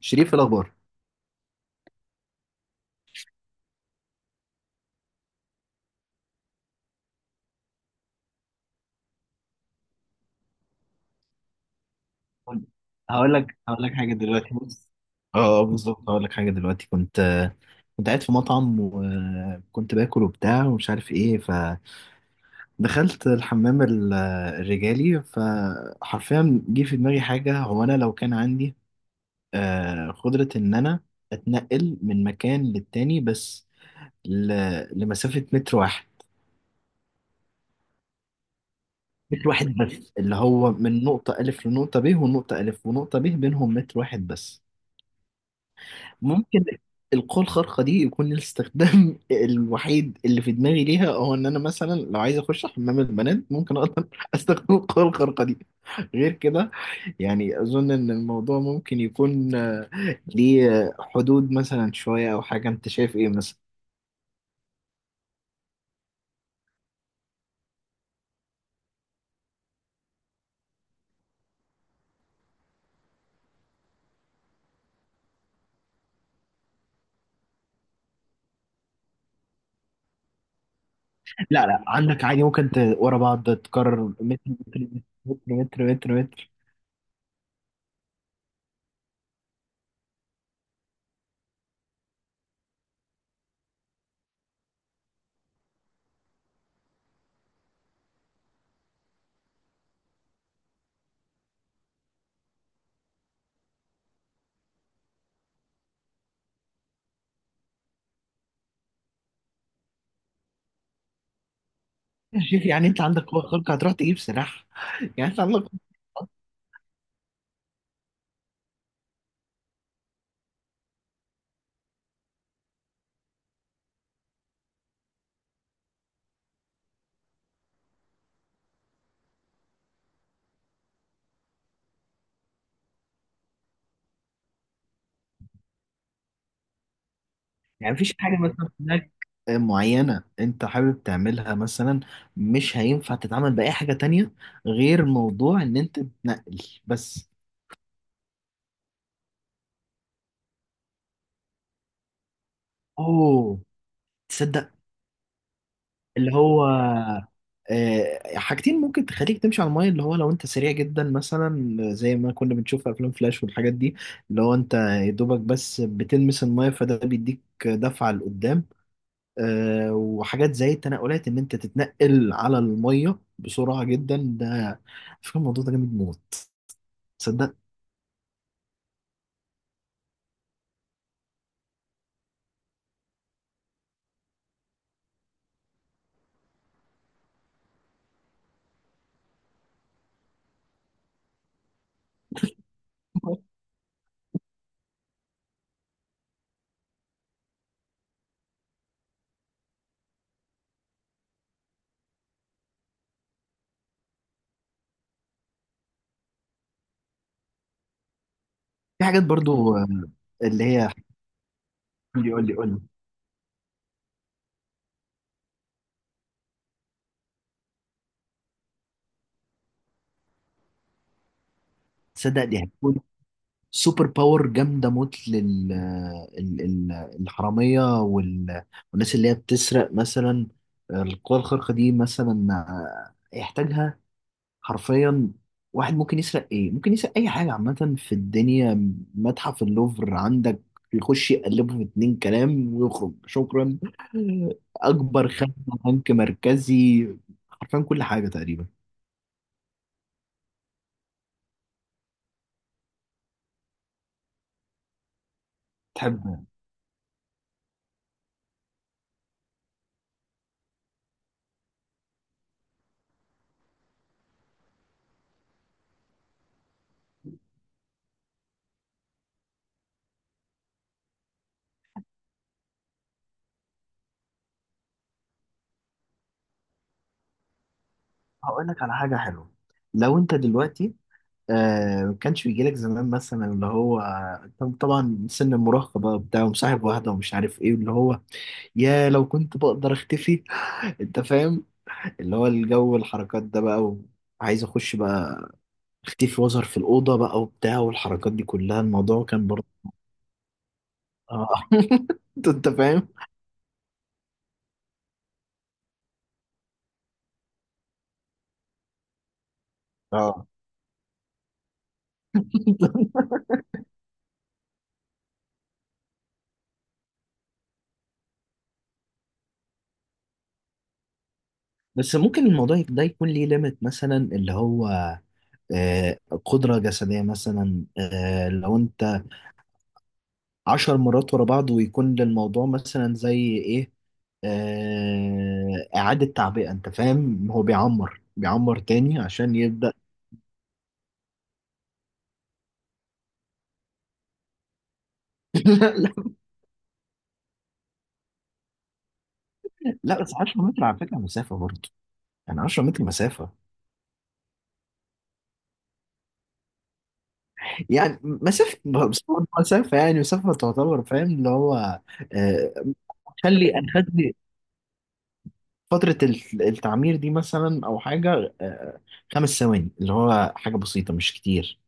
شريف في الاخبار. قول. هقول لك حاجه دلوقتي. بص. اه، بالظبط. هقول لك حاجه دلوقتي. كنت قاعد في مطعم وكنت باكل وبتاع ومش عارف ايه. فدخلت الحمام الرجالي. فحرفيا جه في دماغي حاجه، هو انا لو كان عندي قدره ان انا اتنقل من مكان للتاني، بس لمسافه متر واحد. متر واحد بس، اللي هو من نقطه الف لنقطه ب، ونقطه الف ونقطه ب بينهم متر واحد بس. ممكن القوة الخارقة دي يكون الاستخدام الوحيد اللي في دماغي ليها هو ان انا مثلا لو عايز اخش حمام البنات، ممكن اقدر استخدم القوة الخارقة دي. غير كده يعني اظن ان الموضوع ممكن يكون ليه حدود مثلا شوية او حاجة. انت شايف ايه مثلا؟ لا لا، عندك عادي ممكن ورا بعض تكرر متر. متر متر متر متر متر. شوف، يعني انت عندك قوة خارقة هتروح تجيب سلاح؟ يعني انت عندك، يعني مفيش حاجة مثلا هناك معينة انت حابب تعملها مثلا مش هينفع تتعامل بأي حاجة تانية غير موضوع ان انت تنقل بس؟ اوه. تصدق؟ اللي هو حاجتين ممكن تخليك تمشي على المايه، اللي هو لو انت سريع جدا مثلا زي ما كنا بنشوف في افلام فلاش والحاجات دي، اللي هو انت يا دوبك بس بتلمس المايه فده بيديك دفعه لقدام. وحاجات زي التنقلات ان انت تتنقل على الميه بسرعه جدا. ده على فكره الموضوع ده جامد موت. تصدق؟ في حاجات برضو اللي هي، قول لي قول لي قول لي. تصدق دي هتكون سوبر باور جامده موت لل الحراميه والناس اللي هي بتسرق مثلا. القوى الخارقه دي مثلا يحتاجها حرفيا. واحد ممكن يسرق ايه؟ ممكن يسرق اي حاجه عامه في الدنيا. متحف اللوفر عندك يخش يقلبه في اتنين كلام ويخرج. شكرا. اكبر خدمه. بنك مركزي. حرفيا كل حاجه تقريبا. تحب هقول لك على حاجه حلوه؟ لو انت دلوقتي ما كانش بيجي لك زمان مثلا، اللي هو طبعا سن المراهقه بقى، بتاع ومصاحب واحده ومش عارف ايه، اللي هو يا لو كنت بقدر اختفي! انت فاهم؟ اللي هو الجو الحركات ده بقى، وعايز اخش بقى اختفي واظهر في الاوضه بقى وبتاع، والحركات دي كلها، الموضوع كان برضه. اه. انت فاهم. اه، بس ممكن الموضوع ده يكون ليه ليميت مثلا، اللي هو آه، قدرة جسدية مثلا، لو انت 10 مرات ورا بعض، ويكون للموضوع مثلا زي ايه، إعادة تعبئة. انت فاهم؟ هو بيعمر بيعمر تاني عشان يبدأ. لا لا، بس 10 متر على فكرة مسافة برضه. يعني 10 متر مسافة. يعني مسافة، بس برضه مسافة، يعني مسافة تعتبر، فاهم؟ اللي هو آه، خلي أنا خدت فترة التعمير دي مثلا أو حاجة، 5 ثواني، اللي هو حاجة بسيطة مش كتير.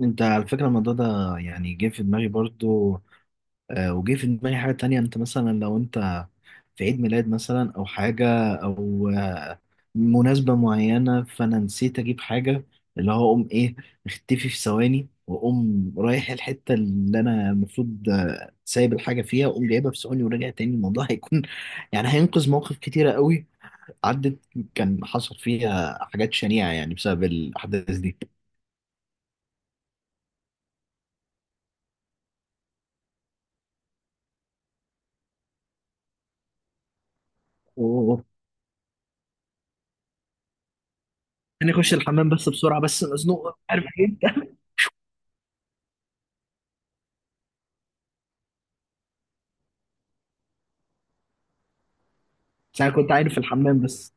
أنت على فكرة الموضوع ده يعني جه في دماغي برضه. وجه في دماغي حاجة تانية. انت مثلا لو انت في عيد ميلاد مثلا او حاجة، او مناسبة معينة، فانا نسيت اجيب حاجة. اللي هو اقوم ايه، اختفي في ثواني واقوم رايح الحتة اللي انا المفروض سايب الحاجة فيها، واقوم جايبها في ثواني وراجع تاني. الموضوع هيكون يعني هينقذ مواقف كتيرة قوي. عدت، كان حصل فيها حاجات شنيعة يعني بسبب الاحداث دي. و- انا اخش الحمام بس بسرعة، بس مزنوق، عارف ايه؟ بس انا كنت عارف الحمام بس.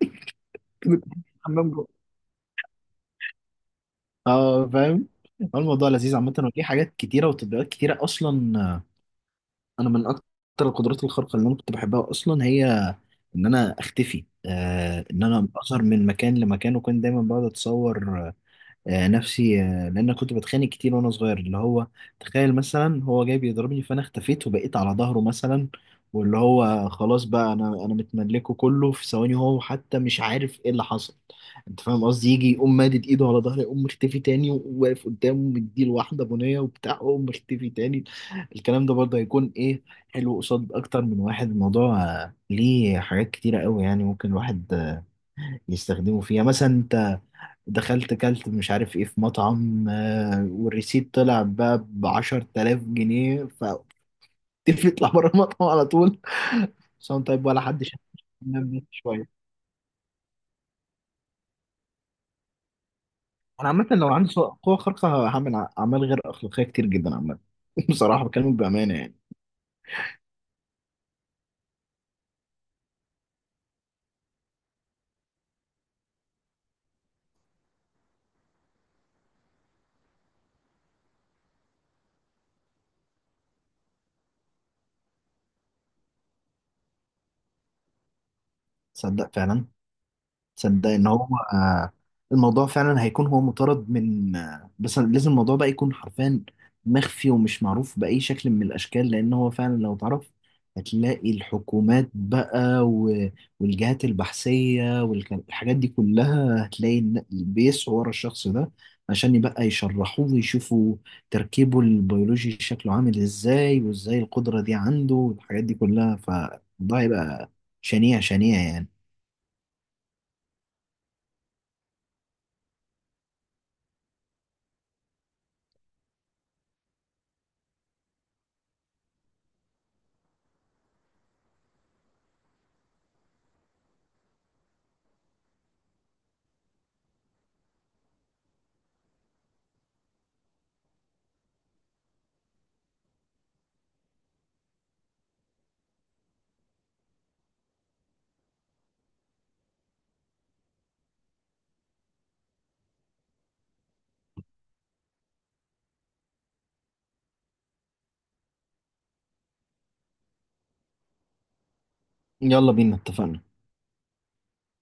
حمام جوه. اه فاهم. هو الموضوع لذيذ عامة، وفي حاجات كتيرة وتطبيقات كتيرة أصلا. أنا من أكتر القدرات الخارقة اللي أنا كنت بحبها أصلا هي إن أنا أختفي. إن أنا أظهر من مكان لمكان. وكنت دايما بقعد أتصور نفسي، لان أنا كنت بتخانق كتير وانا صغير. اللي هو تخيل مثلا هو جاي بيضربني فانا اختفيت وبقيت على ظهره مثلا، واللي هو خلاص بقى، انا متملكه كله في ثواني، هو حتى مش عارف ايه اللي حصل. انت فاهم قصدي؟ يجي يقوم مادد ايده على ظهري يقوم مختفي تاني وواقف قدامه مديله واحده بنيه وبتاع يقوم مختفي تاني. الكلام ده برضه هيكون ايه، حلو قصاد اكتر من واحد. الموضوع ليه حاجات كتيره قوي، يعني ممكن الواحد يستخدموا فيها. مثلا انت دخلت كلت مش عارف ايه في مطعم والريسيت طلع بقى ب 10000 جنيه، فتقفل يطلع بره المطعم على طول، سواء طيب ولا حد شاف مني شويه. انا عامه لو عندي قوه خارقه هعمل اعمال غير اخلاقيه كتير جدا عامه. بصراحه بكلمك بامانه يعني. تصدق فعلا. تصدق ان هو آه، الموضوع فعلا هيكون هو مطارد من، بس لازم الموضوع ده يكون حرفيا مخفي ومش معروف بأي شكل من الأشكال. لأن هو فعلا لو تعرف هتلاقي الحكومات بقى والجهات البحثية والحاجات دي كلها، هتلاقي إن بيسعوا ورا الشخص ده عشان يبقى يشرحوه ويشوفوا تركيبه البيولوجي شكله عامل ازاي، وازاي القدرة دي عنده والحاجات دي كلها. فالموضوع هيبقى شنيع شنيع يعني. يلا بينا، اتفقنا.